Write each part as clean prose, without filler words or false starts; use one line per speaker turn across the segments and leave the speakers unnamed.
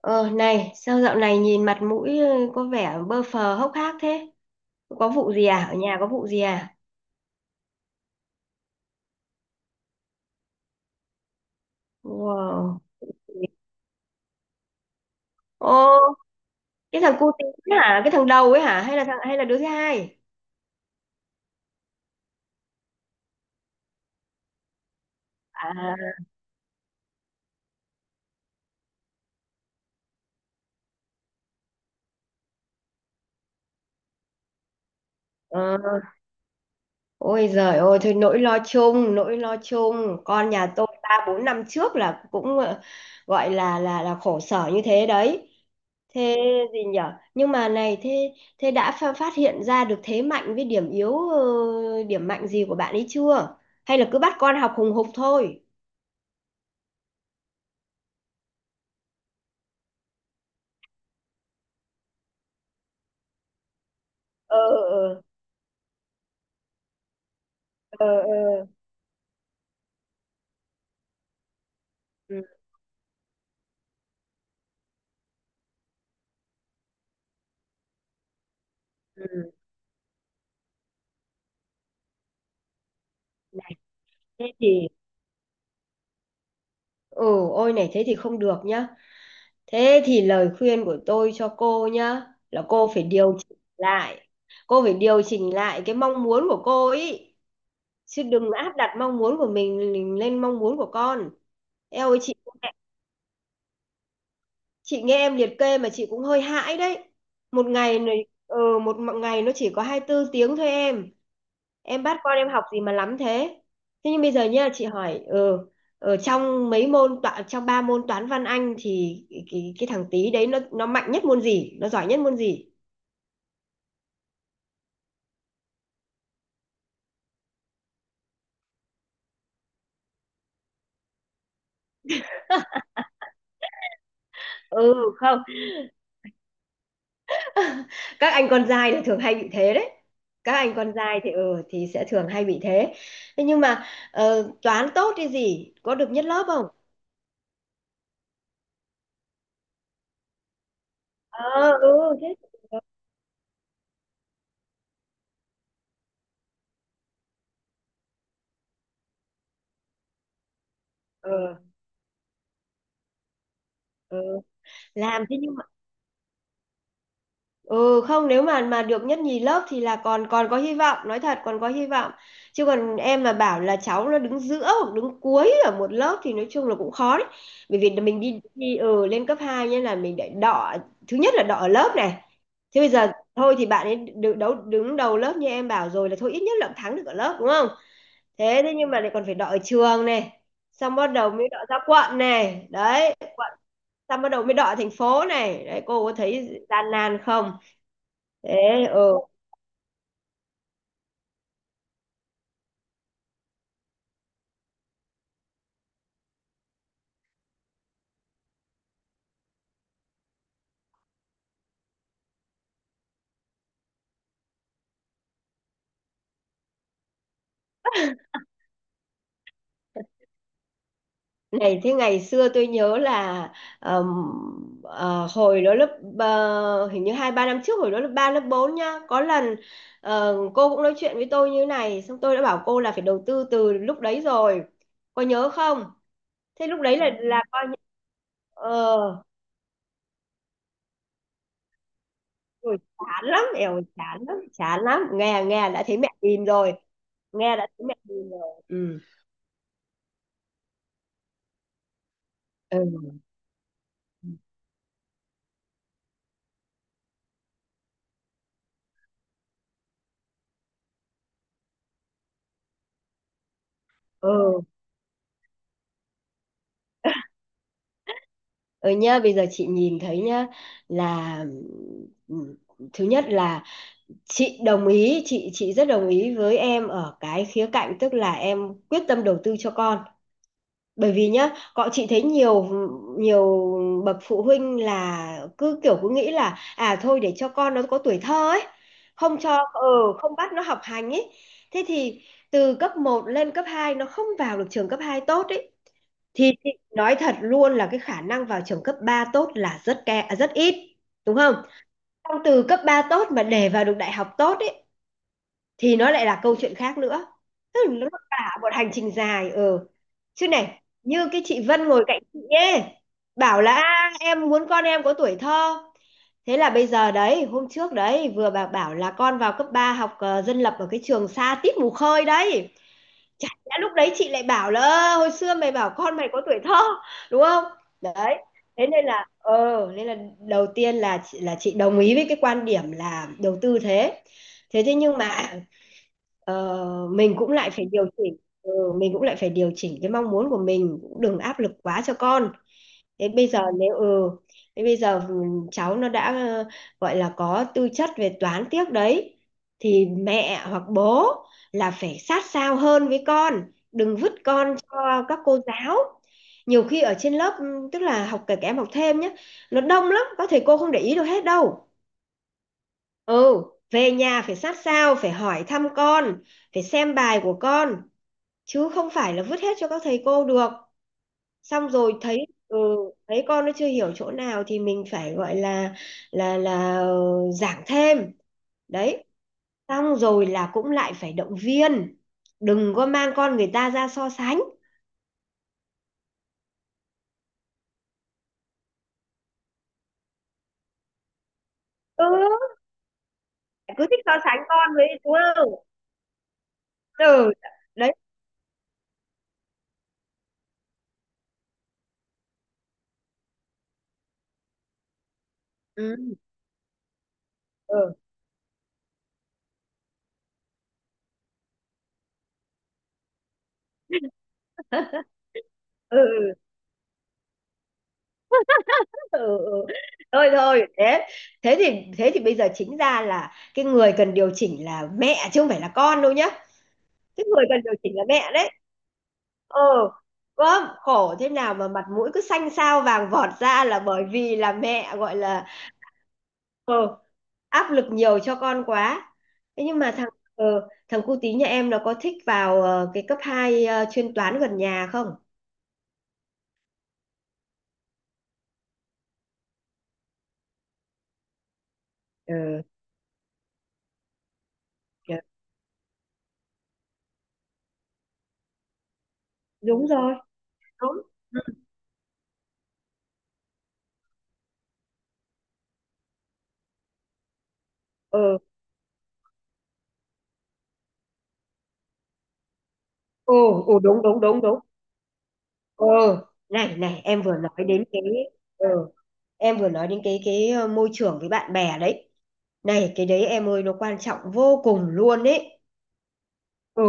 Ờ Này, sao dạo này nhìn mặt mũi có vẻ bơ phờ hốc hác thế? Có vụ gì à? Ở nhà có vụ gì à? Wow. Ô, cái thằng cu tí hả? Cái thằng đầu ấy hả? Hay là thằng hay là đứa thứ hai? À, ờ. Ôi giời ơi, thôi nỗi lo chung, nỗi lo chung. Con nhà tôi ba bốn năm trước là cũng gọi là khổ sở như thế đấy. Thế gì nhở? Nhưng mà này, thế thế đã phát hiện ra được thế mạnh với điểm yếu, điểm mạnh gì của bạn ấy chưa? Hay là cứ bắt con học hùng hục thôi? Ờ ờ. Ừ, ừ. Này thế thì, ừ, ôi này thế thì không được nhá. Thế thì lời khuyên của tôi cho cô nhá là cô phải điều chỉnh lại. Cô phải điều chỉnh lại cái mong muốn của cô ấy, chứ đừng áp đặt mong muốn của mình lên mong muốn của con. Eo ơi chị, nghe em liệt kê mà chị cũng hơi hãi đấy. Một ngày này ừ, Một ngày nó chỉ có 24 tiếng thôi em. Em bắt con em học gì mà lắm thế. Thế nhưng bây giờ nha chị hỏi ở trong mấy môn toán, trong ba môn toán văn anh thì cái thằng tí đấy nó mạnh nhất môn gì, nó giỏi nhất môn gì? Ừ không, các anh con trai thì thường hay bị thế đấy. Các anh con trai thì ừ thì sẽ thường hay bị thế. Thế nhưng mà toán tốt thì gì có được nhất lớp không? Ờ, ừ, thế, ừ, ừ. Làm thế nhưng mà ừ không, nếu mà được nhất nhì lớp thì là còn còn có hy vọng, nói thật còn có hy vọng. Chứ còn em mà bảo là cháu nó đứng giữa hoặc đứng cuối ở một lớp thì nói chung là cũng khó đấy. Bởi vì mình đi đi lên cấp 2 nên là mình để đọ. Thứ nhất là đọ ở lớp này. Thế bây giờ thôi thì bạn ấy đứng đầu lớp như em bảo rồi, là thôi ít nhất là cũng thắng được ở lớp, đúng không? Thế thế nhưng mà lại còn phải đọ ở trường này, xong bắt đầu mới đọ ra quận này đấy, xong bắt đầu mới đọ thành phố này đấy. Cô có thấy gian nan không? Thế ừ. Này thế ngày xưa tôi nhớ là ờm, hồi đó lớp hình như hai ba năm trước, hồi đó lớp 3 lớp 4 nhá, có lần cô cũng nói chuyện với tôi như này xong tôi đã bảo cô là phải đầu tư từ lúc đấy rồi, có nhớ không? Thế lúc đấy là coi như ờ. Ôi, chán lắm, eo chán lắm chán lắm, nghe, nghe đã thấy mẹ tìm rồi. Nghe đã thấy mẹ tìm rồi, ừ ừ ừ. Ừ nhá, bây giờ chị nhìn thấy nhá là ừ, thứ nhất là chị đồng ý, chị rất đồng ý với em ở cái khía cạnh, tức là em quyết tâm đầu tư cho con. Bởi vì nhá, bọn chị thấy nhiều nhiều bậc phụ huynh là cứ kiểu cứ nghĩ là, à thôi để cho con nó có tuổi thơ ấy, không cho không bắt nó học hành ấy. Thế thì từ cấp một lên cấp 2 nó không vào được trường cấp 2 tốt ấy, thì nói thật luôn là cái khả năng vào trường cấp 3 tốt là à, rất ít, đúng không? Xong từ cấp 3 tốt mà để vào được đại học tốt ấy thì nó lại là câu chuyện khác nữa, tức là nó cả một hành trình dài ừ. Chứ này như cái chị Vân ngồi cạnh chị ấy bảo là, "À, em muốn con em có tuổi thơ." Thế là bây giờ đấy, hôm trước đấy vừa bà bảo là con vào cấp 3 học dân lập ở cái trường xa tít mù khơi đấy. Chả lẽ lúc đấy chị lại bảo là, "Ơ, hồi xưa mày bảo con mày có tuổi thơ", đúng không? Đấy, thế nên là ờ, nên là đầu tiên là chị đồng ý với cái quan điểm là đầu tư, thế thế thế nhưng mà ờ, mình cũng lại phải điều chỉnh ừ, mình cũng lại phải điều chỉnh cái mong muốn của mình, cũng đừng áp lực quá cho con. Thế bây giờ nếu ừ, thế bây giờ ừ, cháu nó đã gọi là có tư chất về toán tiếc đấy, thì mẹ hoặc bố là phải sát sao hơn với con, đừng vứt con cho các cô giáo. Nhiều khi ở trên lớp tức là học kể cả em học thêm nhé, nó đông lắm, các thầy cô không để ý được hết đâu ừ. Về nhà phải sát sao, phải hỏi thăm con, phải xem bài của con, chứ không phải là vứt hết cho các thầy cô được. Xong rồi thấy thấy con nó chưa hiểu chỗ nào thì mình phải gọi là là giảng thêm đấy. Xong rồi là cũng lại phải động viên, đừng có mang con người ta ra so sánh, ừ, cứ thích so sánh con với, đúng không, ừ đấy ừ ừ. Ừ. Ừ, ừ. Thôi thôi thế, thế thì bây giờ chính ra là cái người cần điều chỉnh là mẹ chứ không phải là con đâu nhá. Cái người cần điều chỉnh là mẹ đấy ờ. Có khổ thế nào mà mặt mũi cứ xanh xao vàng vọt ra là bởi vì là mẹ gọi là ờ, áp lực nhiều cho con quá. Thế nhưng mà ừ, thằng cu tí nhà em nó có thích vào cái cấp 2 chuyên toán gần nhà không? Ừ, dạ, đúng rồi, đúng ừ. Ồ, ồ đúng đúng đúng đúng ừ. Này này em vừa nói đến cái ừ, em vừa nói đến cái môi trường với bạn bè đấy. Này cái đấy em ơi, nó quan trọng vô cùng luôn đấy ừ.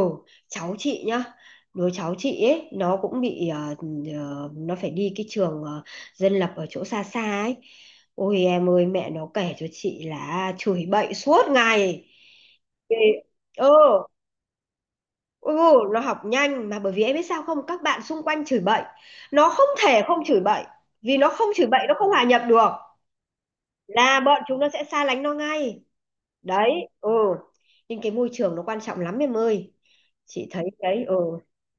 Cháu chị nhá, đứa cháu chị ấy nó cũng bị nó phải đi cái trường dân lập ở chỗ xa xa ấy. Ôi em ơi, mẹ nó kể cho chị là chửi bậy suốt ngày. Ê, ừ. Ừ, nó học nhanh mà, bởi vì em biết sao không, các bạn xung quanh chửi bậy, nó không thể không chửi bậy, vì nó không chửi bậy nó không hòa nhập được, là bọn chúng nó sẽ xa lánh nó ngay đấy ừ. Nên cái môi trường nó quan trọng lắm em ơi, chị thấy đấy ừ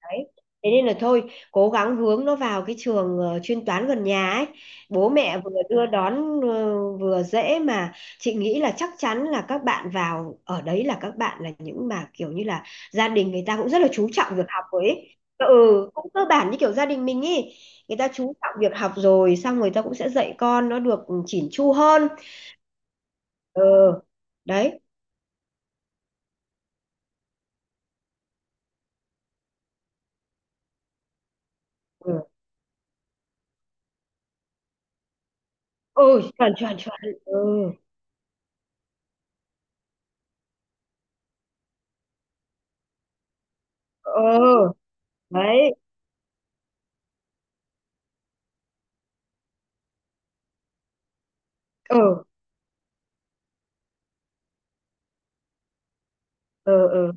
đấy. Thế nên là thôi cố gắng hướng nó vào cái trường chuyên toán gần nhà ấy, bố mẹ vừa đưa đón vừa dễ mà. Chị nghĩ là chắc chắn là các bạn vào ở đấy là các bạn là những mà kiểu như là gia đình người ta cũng rất là chú trọng việc học rồi ấy ừ, cũng cơ bản như kiểu gia đình mình ấy. Người ta chú trọng việc học rồi xong người ta cũng sẽ dạy con nó được chỉn chu hơn ừ đấy ừ. Ừ chuẩn chuẩn chuẩn, ừ ừ đấy, ừ ừ ừ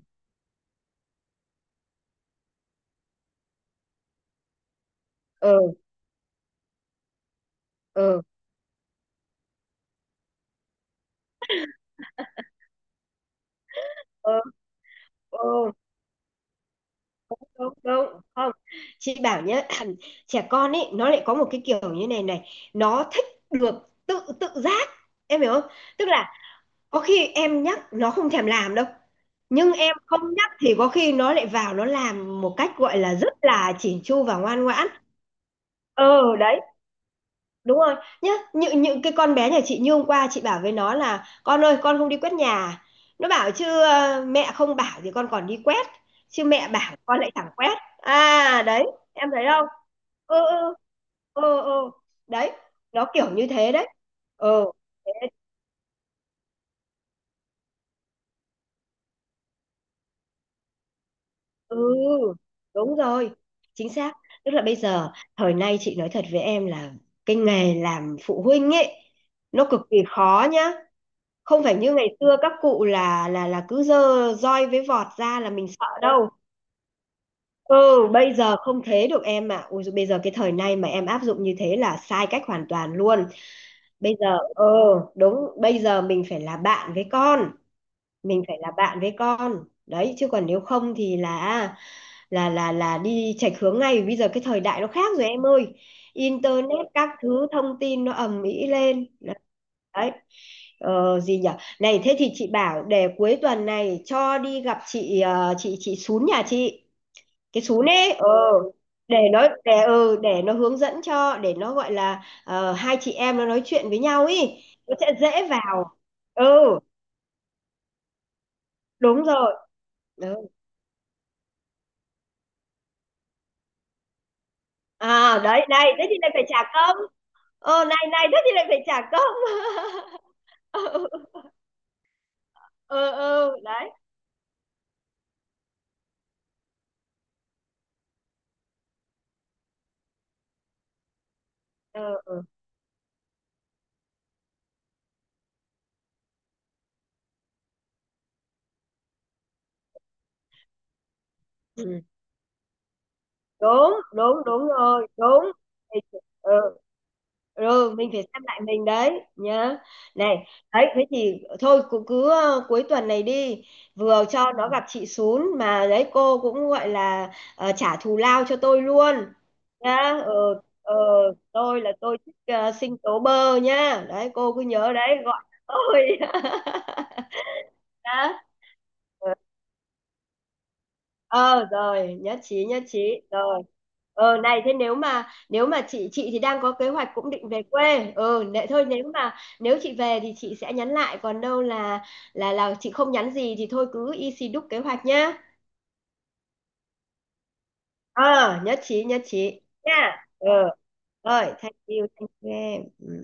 ừ ừ ừ ừ đúng đúng không. Chị bảo nhá, trẻ con ấy nó lại có một cái kiểu như này này, nó thích được tự tự giác, em hiểu không? Tức là có khi em nhắc nó không thèm làm đâu, nhưng em không nhắc thì có khi nó lại vào nó làm một cách gọi là rất là chỉn chu và ngoan ngoãn ờ đấy. Đúng rồi nhá, những cái con bé nhà chị như hôm qua chị bảo với nó là, con ơi con không đi quét nhà, nó bảo chứ mẹ không bảo thì con còn đi quét, chứ mẹ bảo con lại chẳng quét à, đấy em thấy không, ừ ừ ừ ừ đấy. Nó kiểu như thế đấy ừ thế, ừ đúng rồi, chính xác. Tức là bây giờ thời nay chị nói thật với em là cái nghề làm phụ huynh ấy nó cực kỳ khó nhá. Không phải như ngày xưa các cụ là là cứ dơ roi với vọt ra là mình sợ đâu ừ. Bây giờ không thế được em ạ, ui dồi, bây giờ cái thời nay mà em áp dụng như thế là sai cách hoàn toàn luôn. Bây giờ ờ, đúng, bây giờ mình phải là bạn với con, mình phải là bạn với con đấy, chứ còn nếu không thì là là đi chệch hướng ngay. Bây giờ cái thời đại nó khác rồi em ơi, internet các thứ thông tin nó ầm ĩ lên đấy. Gì nhở, này thế thì chị bảo để cuối tuần này cho đi gặp chị chị Sún nhà chị, cái Sún ấy ờ, để nó để ừ, để nó hướng dẫn cho, để nó gọi là hai chị em nó nói chuyện với nhau ý, nó sẽ dễ vào. Ừ đúng rồi. Ừ. À đấy này thế thì lại phải trả công, này này thế thì lại phải trả công. Ừ ừ, ừ, đấy, ừ, ừ. Ừ. Đúng đúng đúng rồi đúng ừ. Ừ, mình phải xem lại mình đấy nhá. Này, đấy thế thì thôi cũng cứ cuối tuần này đi, vừa cho nó gặp chị Sún mà đấy cô cũng gọi là trả thù lao cho tôi luôn nhá. Ừ, ừ, tôi là tôi thích sinh tố bơ nhá. Đấy cô cứ nhớ đấy gọi tôi. Đó. Ờ rồi, nhất trí rồi. Ờ này thế nếu mà chị thì đang có kế hoạch cũng định về quê ờ nệ, thôi nếu mà nếu chị về thì chị sẽ nhắn lại, còn đâu là là chị không nhắn gì thì thôi cứ y xì đúc kế hoạch nhá. Ờ, nhất trí nha. Ờ rồi, thank you em.